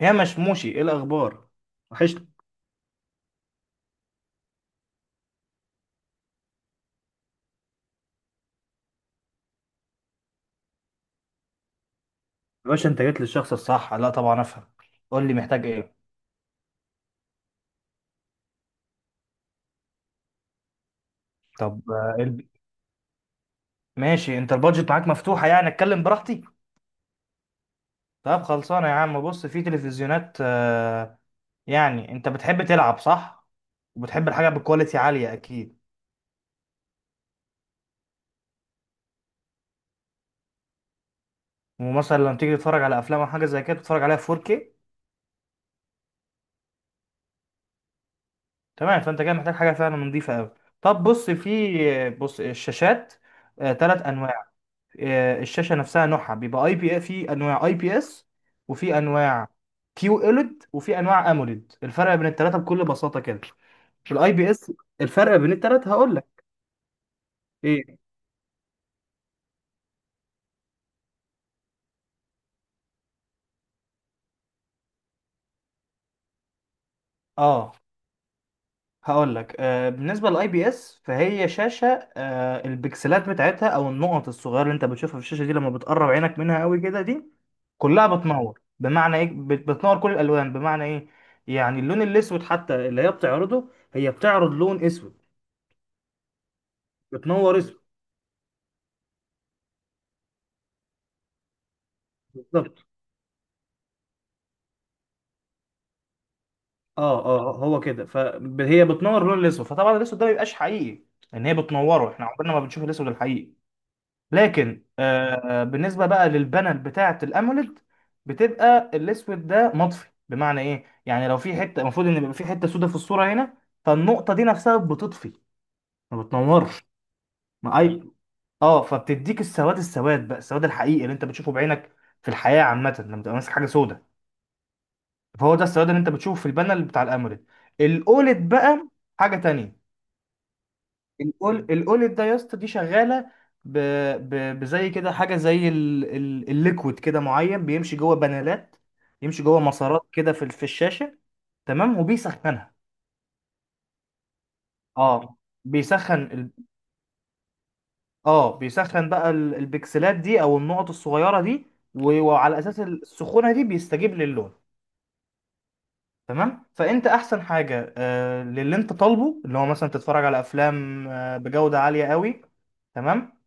يا مشموشي، ايه الاخبار؟ وحشني. يا باشا، انت جيت للشخص الصح. لا، طبعا افهم. قول لي محتاج ايه. طب ماشي، انت البادجت معاك مفتوحه يعني؟ اتكلم براحتي. طب خلصانه يا عم. بص، في تلفزيونات. يعني انت بتحب تلعب، صح؟ وبتحب الحاجه بكواليتي عاليه اكيد. ومثلا لما تيجي تتفرج على افلام او حاجه زي كده تتفرج عليها 4K. تمام، فانت كده محتاج حاجه فعلا نظيفه قوي. طب بص، في آه، بص، الشاشات ثلاث انواع. الشاشه نفسها نوعها بيبقى اي بي، في انواع اي بي اس، وفي انواع كيو اولد، وفي انواع اموليد. الفرق بين الثلاثه بكل بساطه كده، الاي بي اس، الفرق بين الثلاثه هقول لك. ايه؟ اه، هقول لك. بالنسبه للاي بي اس، فهي شاشه، البكسلات بتاعتها او النقط الصغيره اللي انت بتشوفها في الشاشه دي لما بتقرب عينك منها قوي كده، دي كلها بتنور. بمعنى ايه؟ بتنور كل الالوان. بمعنى ايه؟ يعني اللون الاسود حتى اللي هي بتعرضه، هي بتعرض لون اسود، بتنور اسود. بالظبط. اه هو كده. فهي بتنور اللون الاسود، فطبعا الاسود ده ما بيبقاش حقيقي، ان هي بتنوره. احنا عمرنا ما بنشوف الاسود الحقيقي. لكن بالنسبه بقى للبانل بتاعه الاموليد، بتبقى الاسود ده مطفي. بمعنى ايه؟ يعني لو في حته المفروض ان يبقى في حته سودة في الصوره هنا، فالنقطه دي نفسها بتطفي، ما بتنورش. ما اي اه، فبتديك السواد. السواد بقى، السواد الحقيقي اللي انت بتشوفه بعينك في الحياه عامه لما تبقى ماسك حاجه سودة، فهو ده السواد اللي انت بتشوفه في البانل بتاع الاموليد. الاولد بقى حاجه تانية. الاولد ده يا اسطى دي شغاله ب... بزي كده، حاجه زي الليكويد كده معين، بيمشي جوه بانلات، يمشي جوه مسارات كده في الشاشه، تمام، وبيسخنها. اه، بيسخن ال... اه بيسخن بقى البكسلات دي او النقط الصغيره دي، وعلى اساس السخونه دي بيستجيب للون. تمام، فانت احسن حاجه للي انت طالبه، اللي هو مثلا تتفرج على افلام بجوده عاليه قوي، تمام،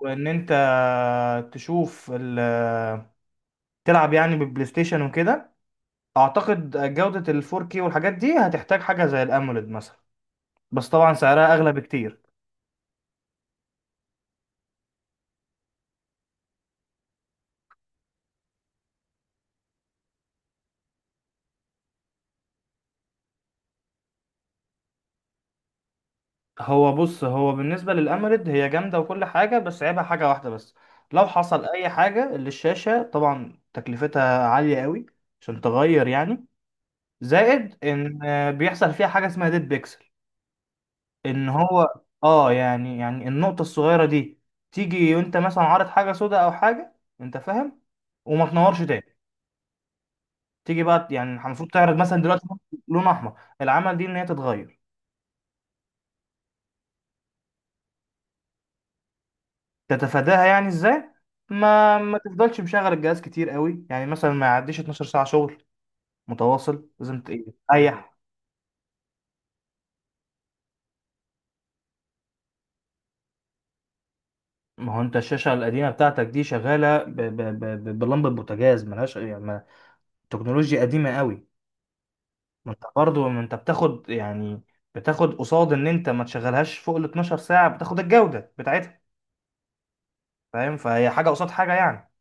وان انت تشوف ال- تلعب يعني بالبلاي ستيشن وكده، اعتقد جوده ال 4K والحاجات دي هتحتاج حاجه زي الاموليد مثلا، بس طبعا سعرها اغلى بكتير. هو بص، بالنسبه للاموليد هي جامده وكل حاجه، بس عيبها حاجه واحده بس. لو حصل اي حاجه للشاشه طبعا تكلفتها عاليه قوي عشان تغير يعني. زائد ان بيحصل فيها حاجه اسمها ديد بيكسل. ان هو اه يعني، النقطه الصغيره دي تيجي وانت مثلا عارض حاجه سوداء او حاجه، انت فاهم، وما تنورش تاني. تيجي بقى، يعني المفروض تعرض مثلا دلوقتي لون احمر. العمل دي ان هي تتغير. تتفاداها يعني ازاي؟ ما تفضلش مشغل الجهاز كتير قوي، يعني مثلا ما يعديش 12 ساعه شغل متواصل، لازم تريح. ما هو انت الشاشه القديمه بتاعتك دي شغاله بلمبه بوتاجاز، ملهاش يعني تكنولوجيا قديمه قوي. ما انت برضه، ما انت بتاخد يعني، بتاخد قصاد ان انت ما تشغلهاش فوق ال 12 ساعه، بتاخد الجوده بتاعتها. فاهم؟ فهي حاجه قصاد حاجه يعني.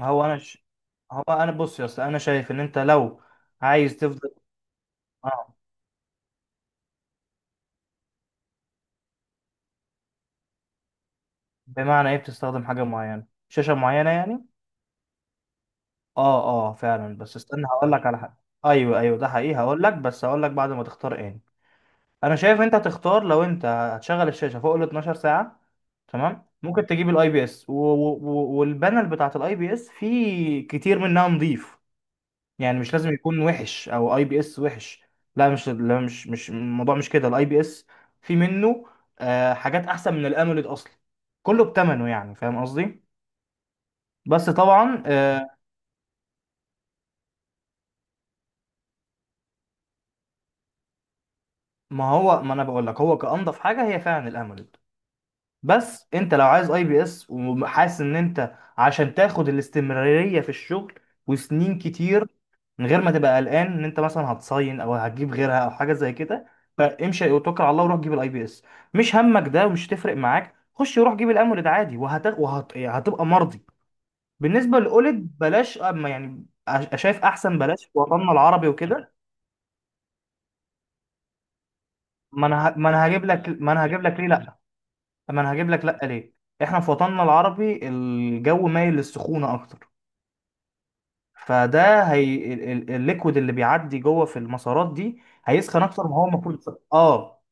هو انا ش... هو انا، بص يا اسطى، انا شايف ان انت لو عايز تفضل. اه، بمعنى ايه بتستخدم حاجه معينه، شاشه معينه يعني؟ اه اه، فعلا، بس استنى هقول لك على حاجه. ايوه ايوه، ده حقيقي، هقول لك، بس هقول لك بعد ما تختار. ايه؟ انا شايف انت تختار، لو انت هتشغل الشاشه فوق ال 12 ساعه، تمام، ممكن تجيب الاي بي اس، والبانل بتاعت الاي بي اس في كتير منها نظيف، يعني مش لازم يكون وحش، او اي بي اس وحش، لا. مش لا مش مش الموضوع مش كده. الاي بي اس في منه حاجات احسن من الاموليد اصلا، كله بتمنه يعني، فاهم قصدي، بس طبعا آه، ما هو ما انا بقول لك، هو كانضف حاجه هي فعلا الاموليد، بس انت لو عايز اي بي اس وحاسس ان انت عشان تاخد الاستمرارية في الشغل وسنين كتير من غير ما تبقى قلقان ان انت مثلا هتصين او هتجيب غيرها او حاجه زي كده، فامشي وتوكل على الله وروح جيب الاي بي اس. مش همك ده، ومش هتفرق معاك، خش وروح جيب الامولد عادي، يعني هتبقى مرضي. بالنسبه للاولد بلاش، اما يعني شايف احسن بلاش في وطننا العربي وكده. ما انا هجيب لك، ليه لا؟ طب، ما انا هجيب لك لا ليه. احنا في وطننا العربي الجو مايل للسخونه اكتر، فده هي الليكويد اللي بيعدي جوه في المسارات دي هيسخن اكتر ما هو المفروض يسخن. اه،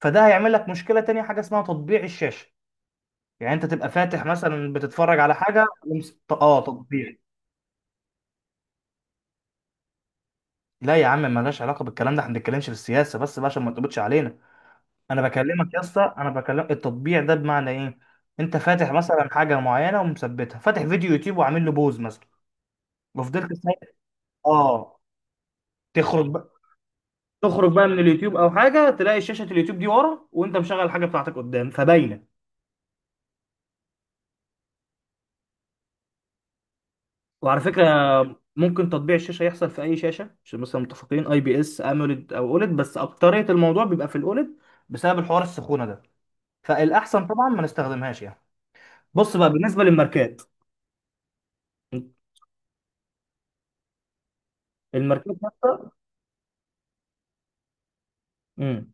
فده هيعمل لك مشكله تانية، حاجه اسمها تطبيع الشاشه. يعني انت تبقى فاتح مثلا بتتفرج على حاجه تطبيع. لا يا عم، ملهاش علاقه بالكلام ده، احنا ما بنتكلمش في السياسه، بس بقى عشان ما تقبطش علينا. انا بكلمك يا اسطى، انا بكلم التطبيع ده. بمعنى ايه؟ انت فاتح مثلا حاجه معينه ومثبتها، فاتح فيديو يوتيوب وعامل له بوز مثلا وفضلت سايق، اه، تخرج بقى، تخرج بقى من اليوتيوب او حاجه، تلاقي شاشه اليوتيوب دي ورا، وانت مشغل الحاجه بتاعتك قدام فباينه. وعلى فكره، ممكن تطبيع الشاشه يحصل في اي شاشه، عشان مثلا متفقين اي بي اس، اموليد او اوليد، بس اكتريه الموضوع بيبقى في الاوليد بسبب الحوار السخونه ده، فالاحسن طبعا ما نستخدمهاش يعني. بص بقى بالنسبه للماركات، الماركات نفسها، امم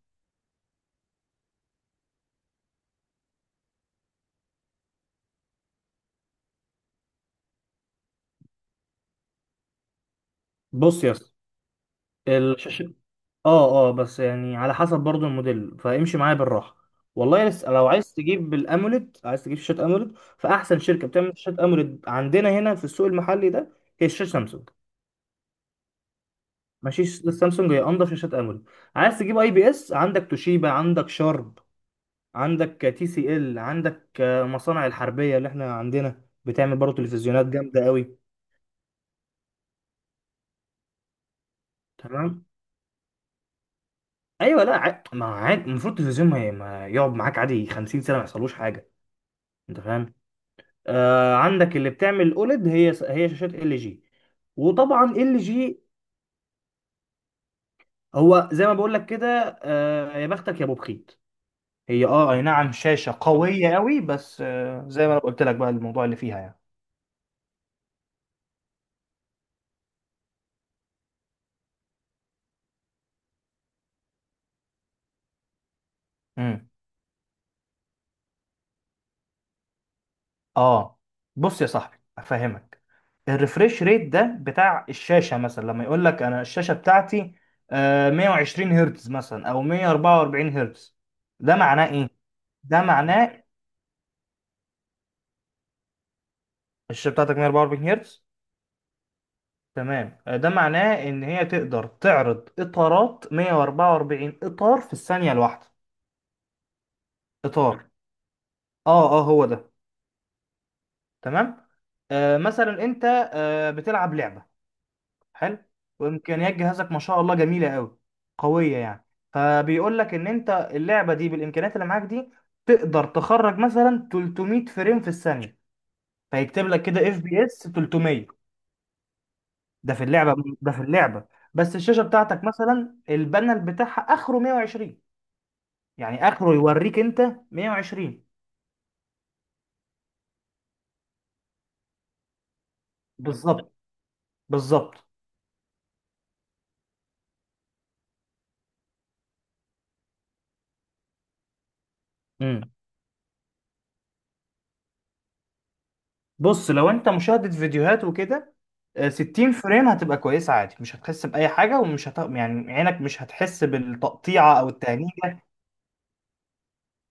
بص يا اسطى، اه، بس يعني على حسب برضو الموديل، فامشي معايا بالراحه. والله لسه، لو عايز تجيب الاموليد، عايز تجيب شاشات اموليد، فاحسن شركه بتعمل شاشات اموليد عندنا هنا في السوق المحلي ده هي شاشه سامسونج. ماشي، سامسونج هي انضف شاشات اموليد. عايز تجيب اي بي اس، عندك توشيبا، عندك شارب، عندك تي سي ال، عندك مصانع الحربيه اللي احنا عندنا بتعمل برضو تلفزيونات جامده قوي، تمام. ايوه، لا، ما عاد المفروض التلفزيون ما يقعد معاك عادي 50 سنه ما يحصلوش حاجه. انت فاهم؟ عندك اللي بتعمل اوليد، هي شاشات ال جي. وطبعا ال جي هو زي ما بقول لك كده، يا بختك يا ابو بخيت. هي، اه، اي نعم، شاشه قويه قوي، بس زي ما انا قلت لك بقى الموضوع اللي فيها يعني. امم اه بص يا صاحبي افهمك. الريفريش ريت ده بتاع الشاشه. مثلا لما يقول لك انا الشاشه بتاعتي 120 هرتز مثلا او 144 هرتز، ده معناه ايه؟ ده معناه الشاشه بتاعتك 144 هرتز، تمام، ده معناه ان هي تقدر تعرض اطارات، 144 اطار في الثانيه الواحده. اطار، اه هو ده. تمام، مثلا انت بتلعب لعبه، حلو، وامكانيات جهازك ما شاء الله جميله قوي، قويه يعني، فبيقول لك ان انت اللعبه دي بالامكانيات اللي معاك دي تقدر تخرج مثلا 300 فريم في الثانيه، فيكتب لك كده اف بي اس 300. ده في اللعبه، ده في اللعبه، بس الشاشه بتاعتك مثلا البانل بتاعها اخره 120، يعني اخره يوريك انت 120. بالظبط، بالظبط. امم بص، لو انت مشاهدة فيديوهات وكده 60 فريم هتبقى كويسة عادي، مش هتحس بأي حاجة، يعني عينك مش هتحس بالتقطيعة أو التهنيجة،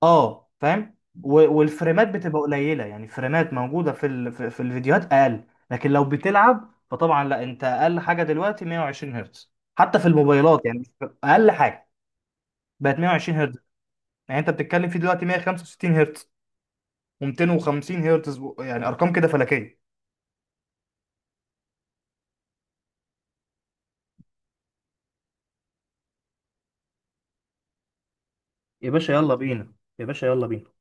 اه، فاهم، و... والفريمات بتبقى قليلة، يعني الفريمات موجودة في في الفيديوهات أقل. لكن لو بتلعب فطبعا لا، انت أقل حاجة دلوقتي 120 هرتز، حتى في الموبايلات يعني. أقل حاجة بقت 120 هرتز، يعني انت بتتكلم في دلوقتي 165 هرتز و250 هرتز، يعني ارقام كده فلكيه. يا باشا يلا بينا، يا باشا يلا بينا.